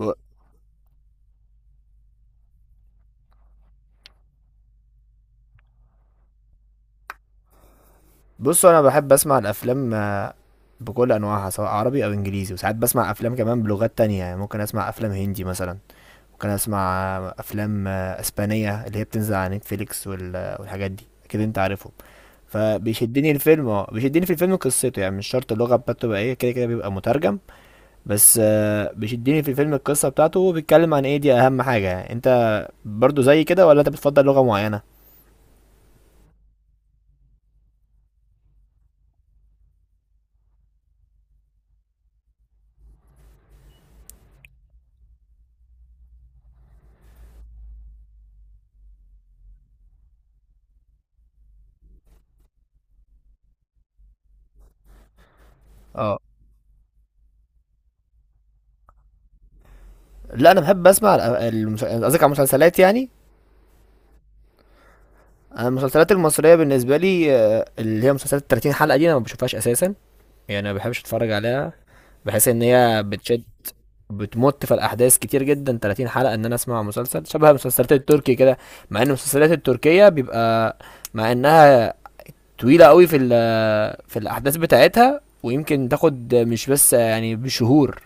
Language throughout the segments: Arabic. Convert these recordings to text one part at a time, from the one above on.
و- بصوا، انا بحب اسمع الافلام بكل انواعها سواء عربي او انجليزي. وساعات بسمع افلام كمان بلغات تانية، يعني ممكن اسمع افلام هندي مثلا، ممكن اسمع افلام اسبانية اللي هي بتنزل على نتفليكس والحاجات دي اكيد انت عارفهم. فبيشدني الفيلم اه بيشدني في الفيلم قصته، يعني مش شرط اللغة بتاعته تبقى ايه، كده كده بيبقى مترجم. بس بيشدني في الفيلم القصة بتاعته وبيتكلم عن ايه، دي اهم حاجة. يعني انت برضو زي كده ولا انت بتفضل لغة معينة؟ اه، لا، انا بحب اسمع قصدك على المسلسلات يعني. انا المسلسلات المصريه بالنسبه لي اللي هي مسلسلات 30 حلقه دي انا ما بشوفهاش اساسا، يعني ما بحبش اتفرج عليها. بحس ان هي بتشد، بتمط في الاحداث كتير جدا. 30 حلقه ان انا اسمع مسلسل شبه المسلسلات التركي كده. مع ان المسلسلات التركيه بيبقى، مع انها طويله قوي في الاحداث بتاعتها، ويمكن تاخد مش بس يعني بشهور،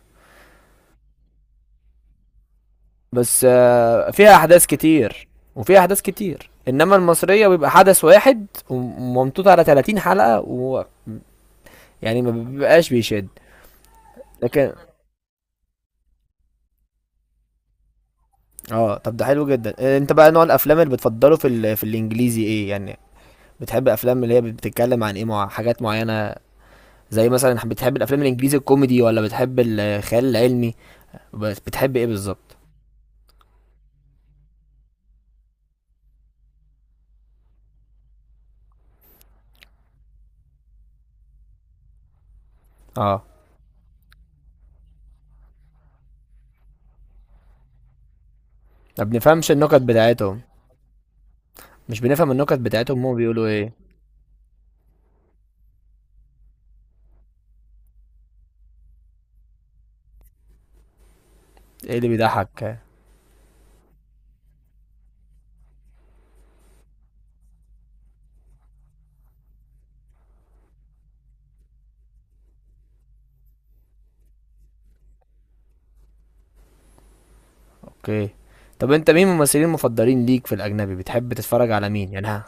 بس فيها احداث كتير. وفيها احداث كتير، انما المصريه بيبقى حدث واحد وممطوط على 30 حلقه، و يعني ما بيبقاش بيشد. لكن اه، طب ده حلو جدا. انت بقى نوع الافلام اللي بتفضله في الانجليزي ايه يعني؟ بتحب افلام اللي هي بتتكلم عن ايه، مع حاجات معينه، زي مثلا بتحب الافلام الانجليزي الكوميدي ولا بتحب الخيال العلمي؟ بس بتحب ايه بالظبط؟ اه، ما بنفهمش النكت بتاعتهم مش بنفهم النكت بتاعتهم، هم بيقولوا ايه؟ ايه اللي بيضحك؟ اوكي. طب انت مين الممثلين المفضلين ليك في الاجنبي؟ بتحب تتفرج على مين يعني؟ ها،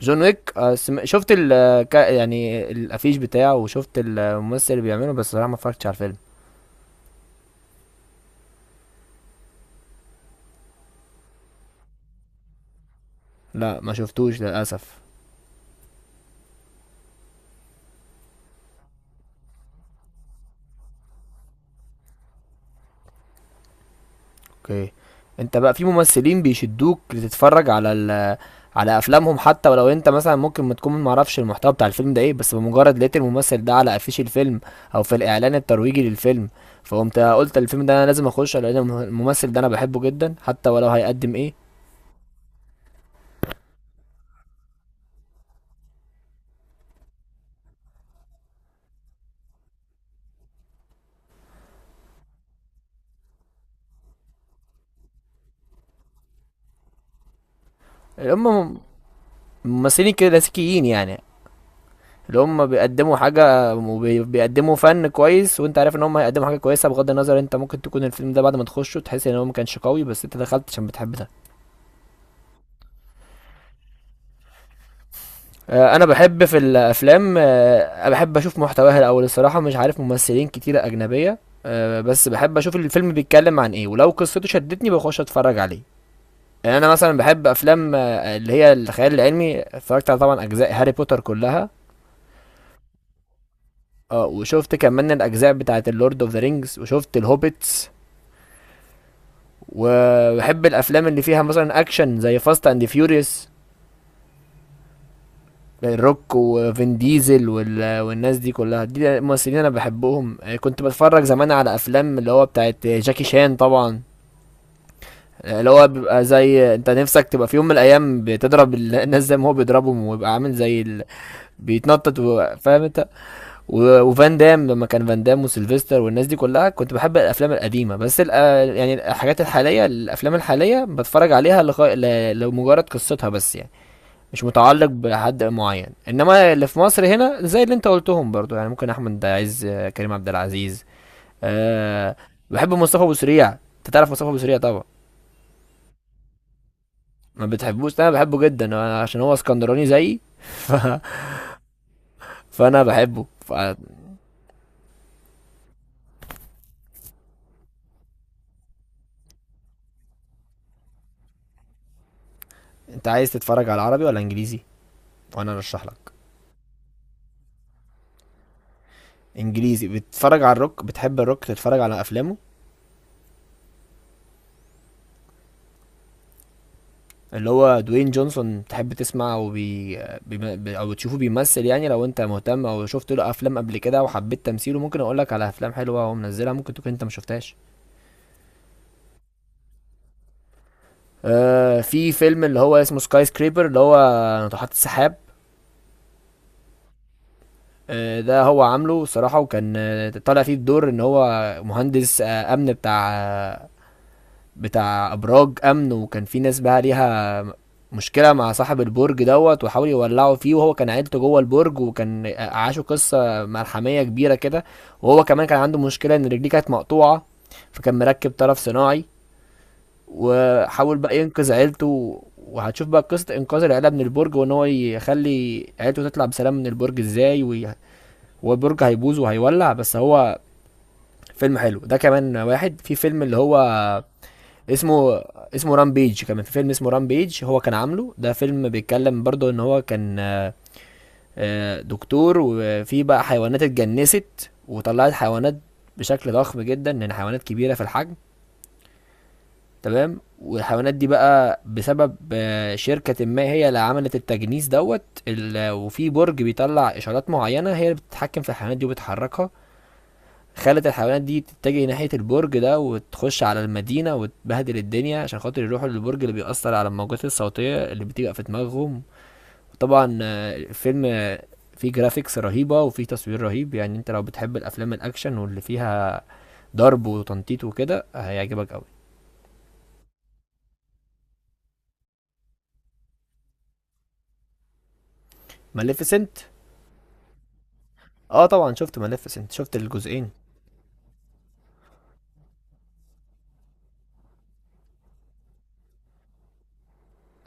جون ويك، شفت يعني الافيش بتاعه، وشفت الممثل اللي بيعمله، بس صراحه ما اتفرجتش على الفيلم. لا، ما شفتوش للاسف. اوكي. انت بقى في ممثلين بيشدوك لتتفرج على افلامهم، حتى ولو انت مثلا ممكن ما اعرفش المحتوى بتاع الفيلم ده ايه، بس بمجرد لقيت الممثل ده على افيش الفيلم او في الاعلان الترويجي للفيلم، فقمت قلت الفيلم ده انا لازم اخش لان الممثل ده انا بحبه جدا حتى ولو هيقدم ايه؟ هم ممثلين كلاسيكيين يعني، اللي هم بيقدموا حاجة وبيقدموا فن كويس، وانت عارف ان هم هيقدموا حاجة كويسة بغض النظر. انت ممكن تكون الفيلم ده بعد ما تخشه تحس ان هو ما كانش قوي، بس انت دخلت عشان بتحب ده. انا بحب في الافلام، بحب اشوف محتواها الاول الصراحة، مش عارف ممثلين كتيرة اجنبية. بس بحب اشوف الفيلم بيتكلم عن ايه، ولو قصته شدتني بخش اتفرج عليه. يعني انا مثلا بحب افلام اللي هي الخيال العلمي، اتفرجت على طبعا اجزاء هاري بوتر كلها، اه، وشفت كمان الاجزاء بتاعه اللورد اوف ذا رينجز، وشفت الهوبيتس. وبحب الافلام اللي فيها مثلا اكشن زي فاست اند فيوريوس، الروك وفين ديزل والناس دي كلها، دي الممثلين انا بحبهم. كنت بتفرج زمان على افلام اللي هو بتاعت جاكي شان طبعا، اللي هو بيبقى زي انت نفسك تبقى في يوم من الايام بتضرب الناس زي ما هو بيضربهم، ويبقى عامل بيتنطط فاهم انت. وفان دام، لما كان فان دام وسيلفستر والناس دي كلها كنت بحب الافلام القديمه. بس يعني الحاجات الحاليه الافلام الحاليه بتفرج عليها لمجرد قصتها بس يعني، مش متعلق بحد معين. انما اللي في مصر هنا زي اللي انت قلتهم برضو، يعني ممكن احمد عز، كريم عبد العزيز. أه... بحب مصطفى ابو سريع، انت تعرف مصطفى ابو سريع طبعا. ما بتحبوش؟ انا بحبه جدا، أنا عشان هو اسكندراني زيي. ف... فانا بحبه انت عايز تتفرج على عربي ولا انجليزي، وانا ارشح لك؟ انجليزي. بتتفرج على الروك؟ بتحب الروك تتفرج على افلامه، اللي هو دوين جونسون؟ تحب تسمع او او تشوفه بيمثل يعني، لو انت مهتم او شفت له افلام قبل كده وحبيت تمثيله ممكن اقول لك على افلام حلوه هو منزلها ممكن تكون انت ما شفتهاش. في فيلم اللي هو اسمه سكاي سكريبر، اللي هو ناطحات السحاب. ده هو عامله الصراحه، وكان طالع فيه بدور ان هو مهندس امن، بتاع ابراج امن، وكان في ناس بقى ليها مشكله مع صاحب البرج دوت، وحاول يولعوا فيه، وهو كان عيلته جوه البرج، وكان عاشوا قصه ملحميه كبيره كده. وهو كمان كان عنده مشكله ان رجليه كانت مقطوعه، فكان مركب طرف صناعي، وحاول بقى ينقذ عيلته. وهتشوف بقى قصه انقاذ العيله من البرج، وان هو يخلي عيلته تطلع بسلام من البرج ازاي، هو البرج هيبوظ وهيولع، بس هو فيلم حلو. ده كمان واحد. في فيلم اللي هو اسمه اسمه رامبيج، كمان في فيلم اسمه رامبيج. هو كان عامله، ده فيلم بيتكلم برضه ان هو كان دكتور، وفي بقى حيوانات اتجنست وطلعت حيوانات بشكل ضخم جدا، لان حيوانات كبيره في الحجم، تمام؟ والحيوانات دي بقى بسبب شركة ما هي اللي عملت التجنيس دوت. وفي برج بيطلع إشارات معينة هي اللي بتتحكم في الحيوانات دي وبتحركها، خلت الحيوانات دي تتجه ناحية البرج ده وتخش على المدينة وتبهدل الدنيا عشان خاطر يروحوا للبرج اللي بيأثر على الموجات الصوتية اللي بتبقى في دماغهم. طبعا الفيلم فيه جرافيكس رهيبة وفيه تصوير رهيب. يعني انت لو بتحب الأفلام الأكشن واللي فيها ضرب وتنطيط وكده هيعجبك قوي. ماليفيسنت؟ اه، طبعا شفت ماليفيسنت، شفت الجزئين.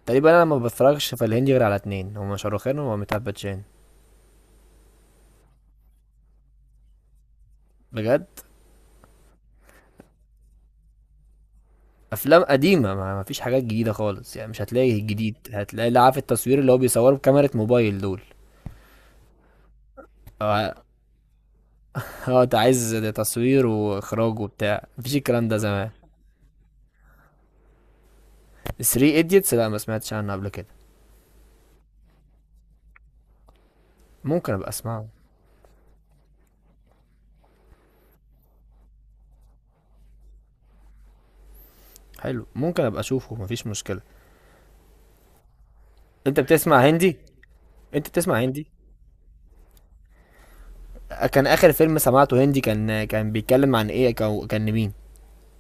تقريبا انا ما بتفرجش في الهندي غير على اتنين، هما شاروخان وميتاب باتشان. بجد، افلام قديمه، ما فيش حاجات جديده خالص يعني، مش هتلاقي الجديد، هتلاقي اللي عارف، التصوير اللي هو بيصوره بكاميرا موبايل دول. اه، انت عايز ده تصوير واخراج وبتاع، مفيش الكلام ده زمان. 3 ايديتس؟ لا، ما سمعتش عنه قبل كده، ممكن ابقى اسمعه. حلو، ممكن ابقى اشوفه، مفيش مشكله. انت بتسمع هندي؟ انت بتسمع هندي كان اخر فيلم سمعته هندي كان، كان بيتكلم عن ايه؟ كان مين؟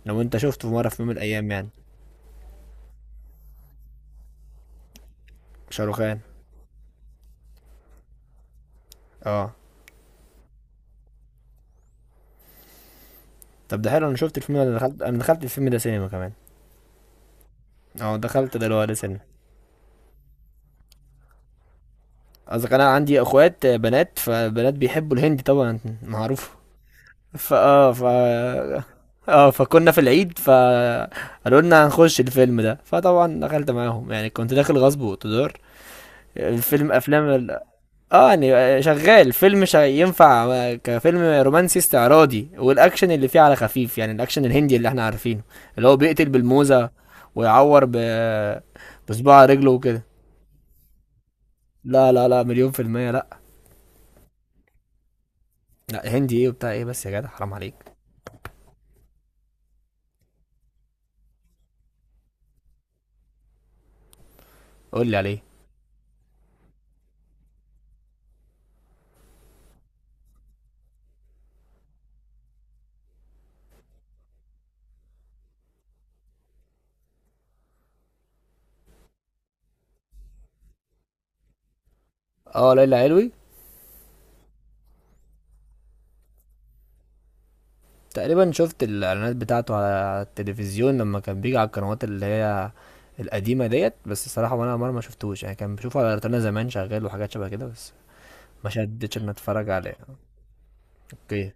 لو انت شفته في مره في يوم من الايام يعني. شاروخان؟ اه طب ده حلو، انا شفت الفيلم ده، انا دخلت الفيلم ده سينما كمان. اه، دخلت دلوقتي سينما. قصدك انا عندي اخوات بنات، فبنات بيحبوا الهندي طبعا، معروف. فاه ف اه فكنا في العيد فقالوا لنا هنخش الفيلم ده، فطبعا دخلت معاهم يعني، كنت داخل غصب واقتدار. الفيلم افلام ال... اه يعني شغال فيلم، ينفع كفيلم رومانسي استعراضي، والاكشن اللي فيه على خفيف، يعني الاكشن الهندي اللي احنا عارفينه اللي هو بيقتل بالموزة ويعور بصباع رجله وكده. لا لا لا، مليون في المية لا. لا هندي ايه وبتاع ايه، بس يا جدع حرام عليك. قول لي عليه. اه، ليلى علوي. تقريبا شفت الاعلانات بتاعته على التلفزيون لما كان بيجي على القنوات اللي هي القديمه ديت، بس الصراحه وانا مره ما شفتوش يعني، كان بشوفه على روتانا زمان شغال، وحاجات شبه كده، بس ما شدتش ان اتفرج عليه. اوكي.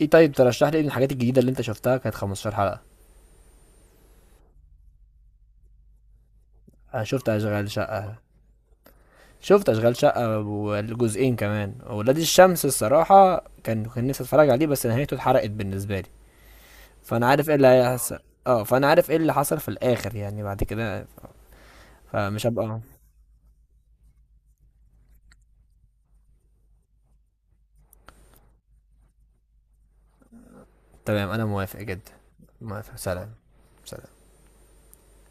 ايه، طيب ترشح لي ايه من الحاجات الجديده اللي انت شفتها كانت 15 حلقه؟ انا شفت اشغال شقه شفت اشغال شقه والجزئين كمان. ولاد الشمس الصراحه كان نفسي اتفرج عليه بس نهايته اتحرقت بالنسبه لي، فانا عارف ايه اللي هيحصل. اه، فانا عارف ايه اللي حصل في الاخر يعني، بعد كده فمش هبقى. تمام، انا موافق جدا. موافق، سلام. سلام.